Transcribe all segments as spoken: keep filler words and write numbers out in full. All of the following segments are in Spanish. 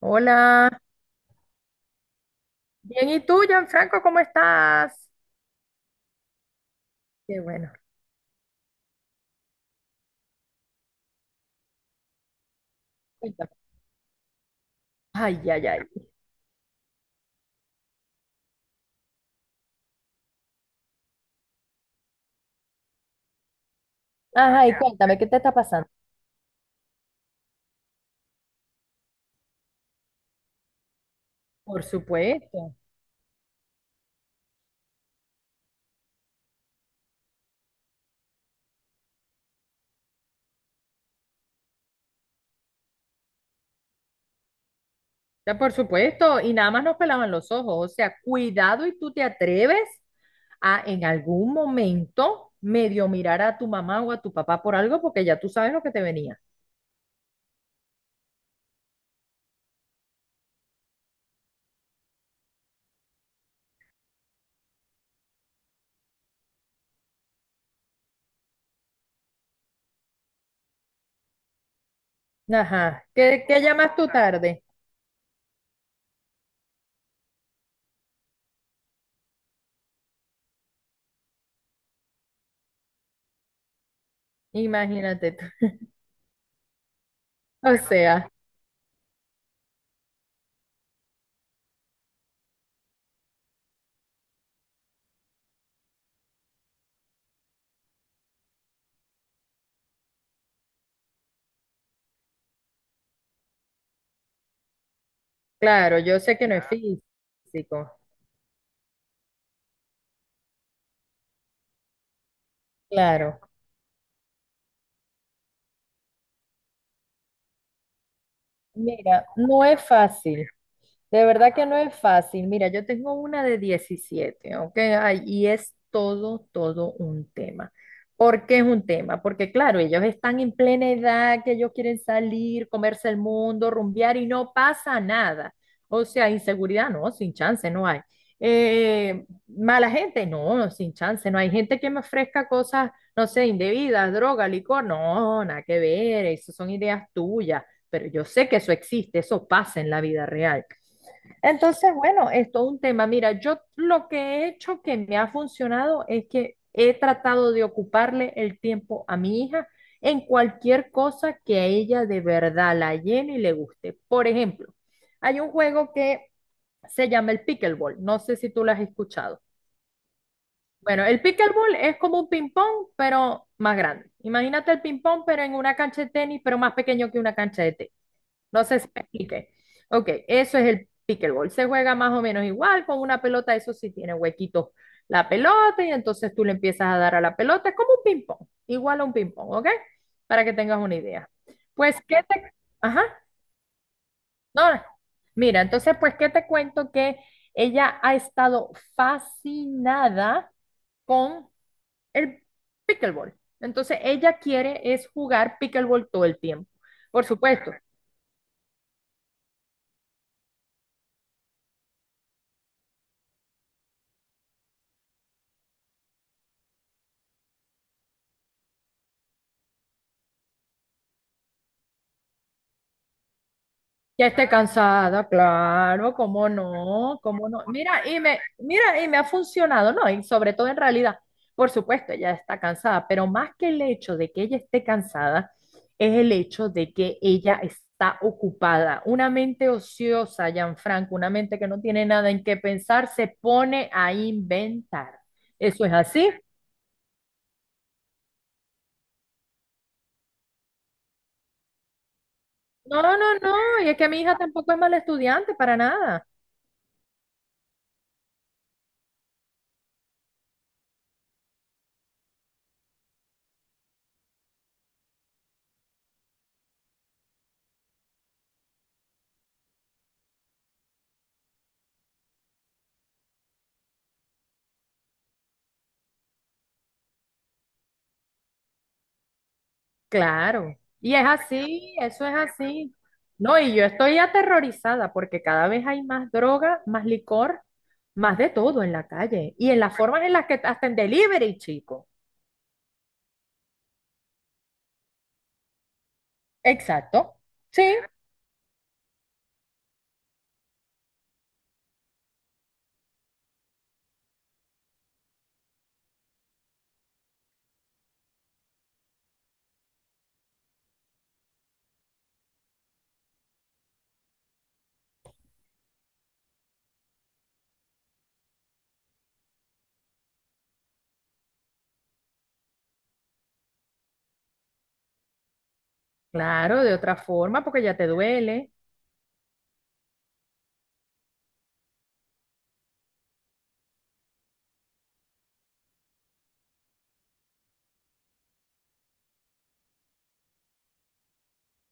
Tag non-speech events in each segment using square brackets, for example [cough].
Hola, bien, ¿y tú, Gianfranco, cómo estás? Qué bueno. Cuéntame. Ay, ay, ay. Ajá, y cuéntame, ¿qué te está pasando? Por supuesto, ya por supuesto, y nada más nos pelaban los ojos, o sea, cuidado y tú te atreves a en algún momento medio mirar a tu mamá o a tu papá por algo porque ya tú sabes lo que te venía. Ajá, ¿qué, qué llamas tú tarde? Imagínate tú. O sea, claro, yo sé que no es físico, claro. Mira, no es fácil. De verdad que no es fácil. Mira, yo tengo una de diecisiete, ¿ok? Ay, y es todo, todo un tema. ¿Por qué es un tema? Porque claro, ellos están en plena edad, que ellos quieren salir, comerse el mundo, rumbear y no pasa nada. O sea, inseguridad, no, sin chance, no hay. Eh, mala gente, no, sin chance, no hay gente que me ofrezca cosas, no sé, indebidas, droga, licor, no, nada que ver, eso son ideas tuyas, pero yo sé que eso existe, eso pasa en la vida real. Entonces, bueno, es todo un tema. Mira, yo lo que he hecho que me ha funcionado es que he tratado de ocuparle el tiempo a mi hija en cualquier cosa que a ella de verdad la llene y le guste. Por ejemplo, hay un juego que se llama el pickleball. No sé si tú lo has escuchado. Bueno, el pickleball es como un ping-pong, pero más grande. Imagínate el ping-pong, pero en una cancha de tenis, pero más pequeño que una cancha de tenis. No sé si me expliqué. Ok, eso es el pickleball. Se juega más o menos igual con una pelota, eso sí tiene huequitos la pelota y entonces tú le empiezas a dar a la pelota, es como un ping-pong, igual a un ping-pong, ¿ok? Para que tengas una idea. Pues, ¿qué te... Ajá, no, no. Mira, entonces, pues, ¿qué te cuento? Que ella ha estado fascinada con el pickleball. Entonces, ella quiere es jugar pickleball todo el tiempo. Por supuesto, ya esté cansada, claro, cómo no, cómo no. Mira, y me, mira, y me ha funcionado, ¿no? Y sobre todo en realidad, por supuesto, ella está cansada, pero más que el hecho de que ella esté cansada, es el hecho de que ella está ocupada. Una mente ociosa, Gianfranco, una mente que no tiene nada en qué pensar, se pone a inventar. ¿Eso es así? No, no, no, y es que mi hija tampoco es mala estudiante, para nada. Claro, y es así, eso es así. No, y yo estoy aterrorizada porque cada vez hay más droga, más licor, más de todo en la calle y en las formas en las que hasta en delivery, chico. Exacto. Sí, claro, de otra forma porque ya te duele.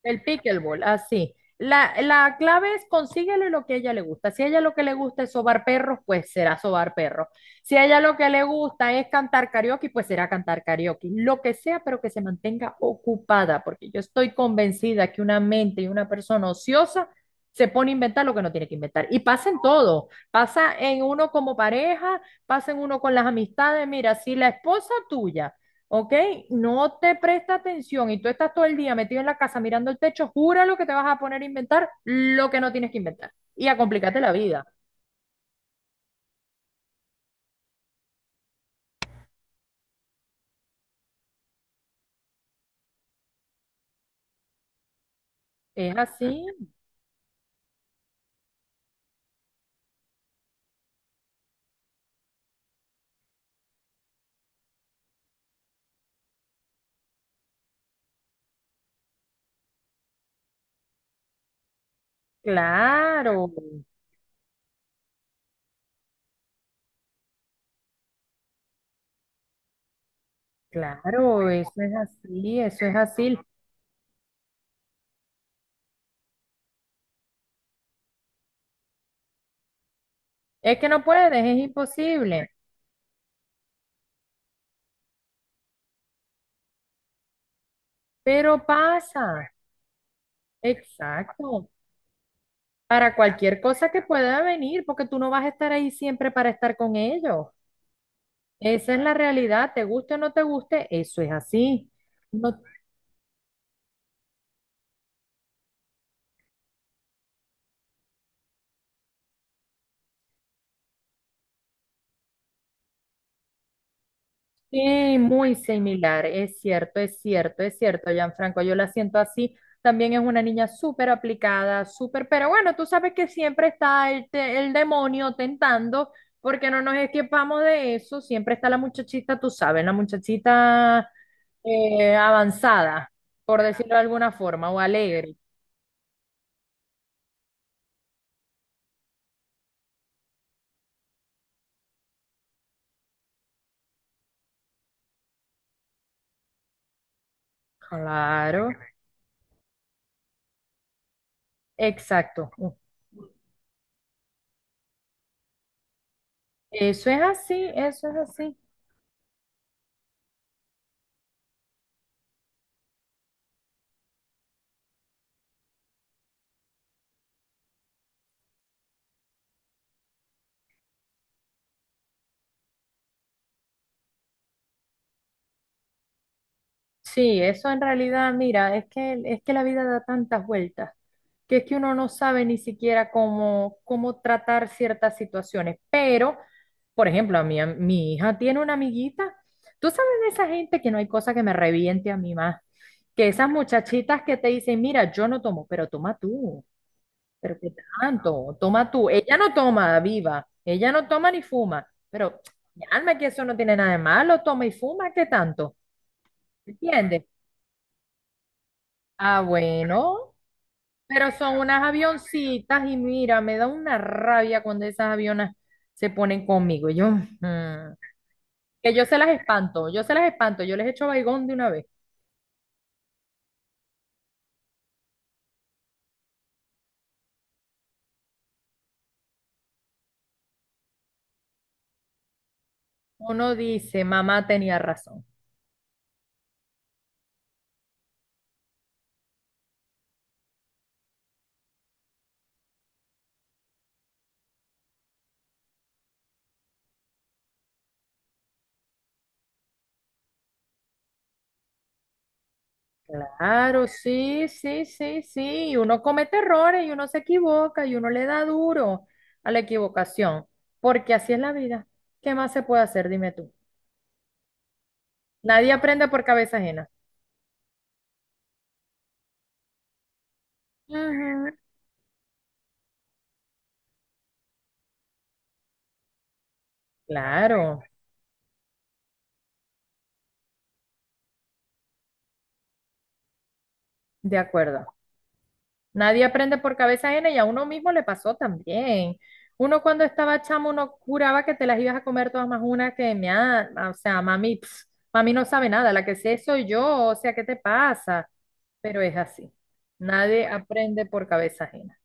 El pickleball, así. La, la clave es consíguele lo que a ella le gusta. Si a ella lo que le gusta es sobar perros, pues será sobar perros. Si a ella lo que le gusta es cantar karaoke, pues será cantar karaoke. Lo que sea, pero que se mantenga ocupada, porque yo estoy convencida que una mente y una persona ociosa se pone a inventar lo que no tiene que inventar. Y pasa en todo. Pasa en uno como pareja, pasa en uno con las amistades. Mira, si la esposa tuya ¿ok? No te presta atención y tú estás todo el día metido en la casa mirando el techo, júralo que te vas a poner a inventar lo que no tienes que inventar y a complicarte la vida. ¿Es así? Claro, claro, eso es así, eso es así. Es que no puedes, es imposible, pero pasa, exacto, para cualquier cosa que pueda venir, porque tú no vas a estar ahí siempre para estar con ellos. Esa es la realidad, te guste o no te guste, eso es así. Uno. Sí, muy similar, es cierto, es cierto, es cierto, Gianfranco, yo la siento así. También es una niña súper aplicada, súper, pero bueno, tú sabes que siempre está el, te- el demonio tentando, porque no nos escapamos de eso, siempre está la muchachita, tú sabes, la muchachita eh, avanzada, por decirlo de alguna forma, o alegre. Claro, exacto. Eso es así, eso es así. Sí, eso en realidad, mira, es que, es que la vida da tantas vueltas que es que uno no sabe ni siquiera cómo, cómo tratar ciertas situaciones. Pero, por ejemplo, a mi, a mi hija tiene una amiguita. Tú sabes de esa gente que no hay cosa que me reviente a mí más. Que esas muchachitas que te dicen, mira, yo no tomo, pero toma tú. Pero qué tanto, toma tú. Ella no toma, viva. Ella no toma ni fuma. Pero, [tsk] alma, que eso no tiene nada de malo, toma y fuma, ¿qué tanto? ¿Entiendes? Ah, bueno, pero son unas avioncitas y mira, me da una rabia cuando esas avionas se ponen conmigo. Yo, mm, que yo se las espanto, yo se las espanto, yo les echo baigón de una vez. Uno dice, mamá tenía razón. Claro, sí, sí, sí, sí. Y uno comete errores y uno se equivoca y uno le da duro a la equivocación, porque así es la vida. ¿Qué más se puede hacer? Dime tú. Nadie aprende por cabeza ajena. Ujú. Claro, de acuerdo. Nadie aprende por cabeza ajena y a uno mismo le pasó también. Uno cuando estaba chamo, uno juraba que te las ibas a comer todas más una que me o sea, mami, pf, mami no sabe nada, la que sé soy yo, o sea, ¿qué te pasa? Pero es así. Nadie aprende por cabeza ajena.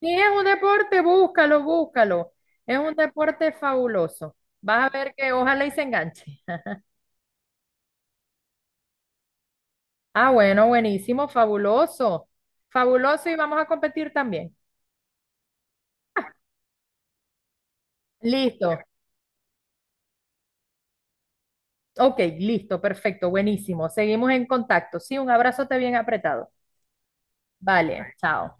Si es un deporte, búscalo, búscalo. Es un deporte fabuloso. Vas a ver que ojalá y se enganche. [laughs] Ah, bueno, buenísimo, fabuloso. Fabuloso y vamos a competir también. Listo. Ok, listo, perfecto, buenísimo. Seguimos en contacto. Sí, un abrazote bien apretado. Vale, chao.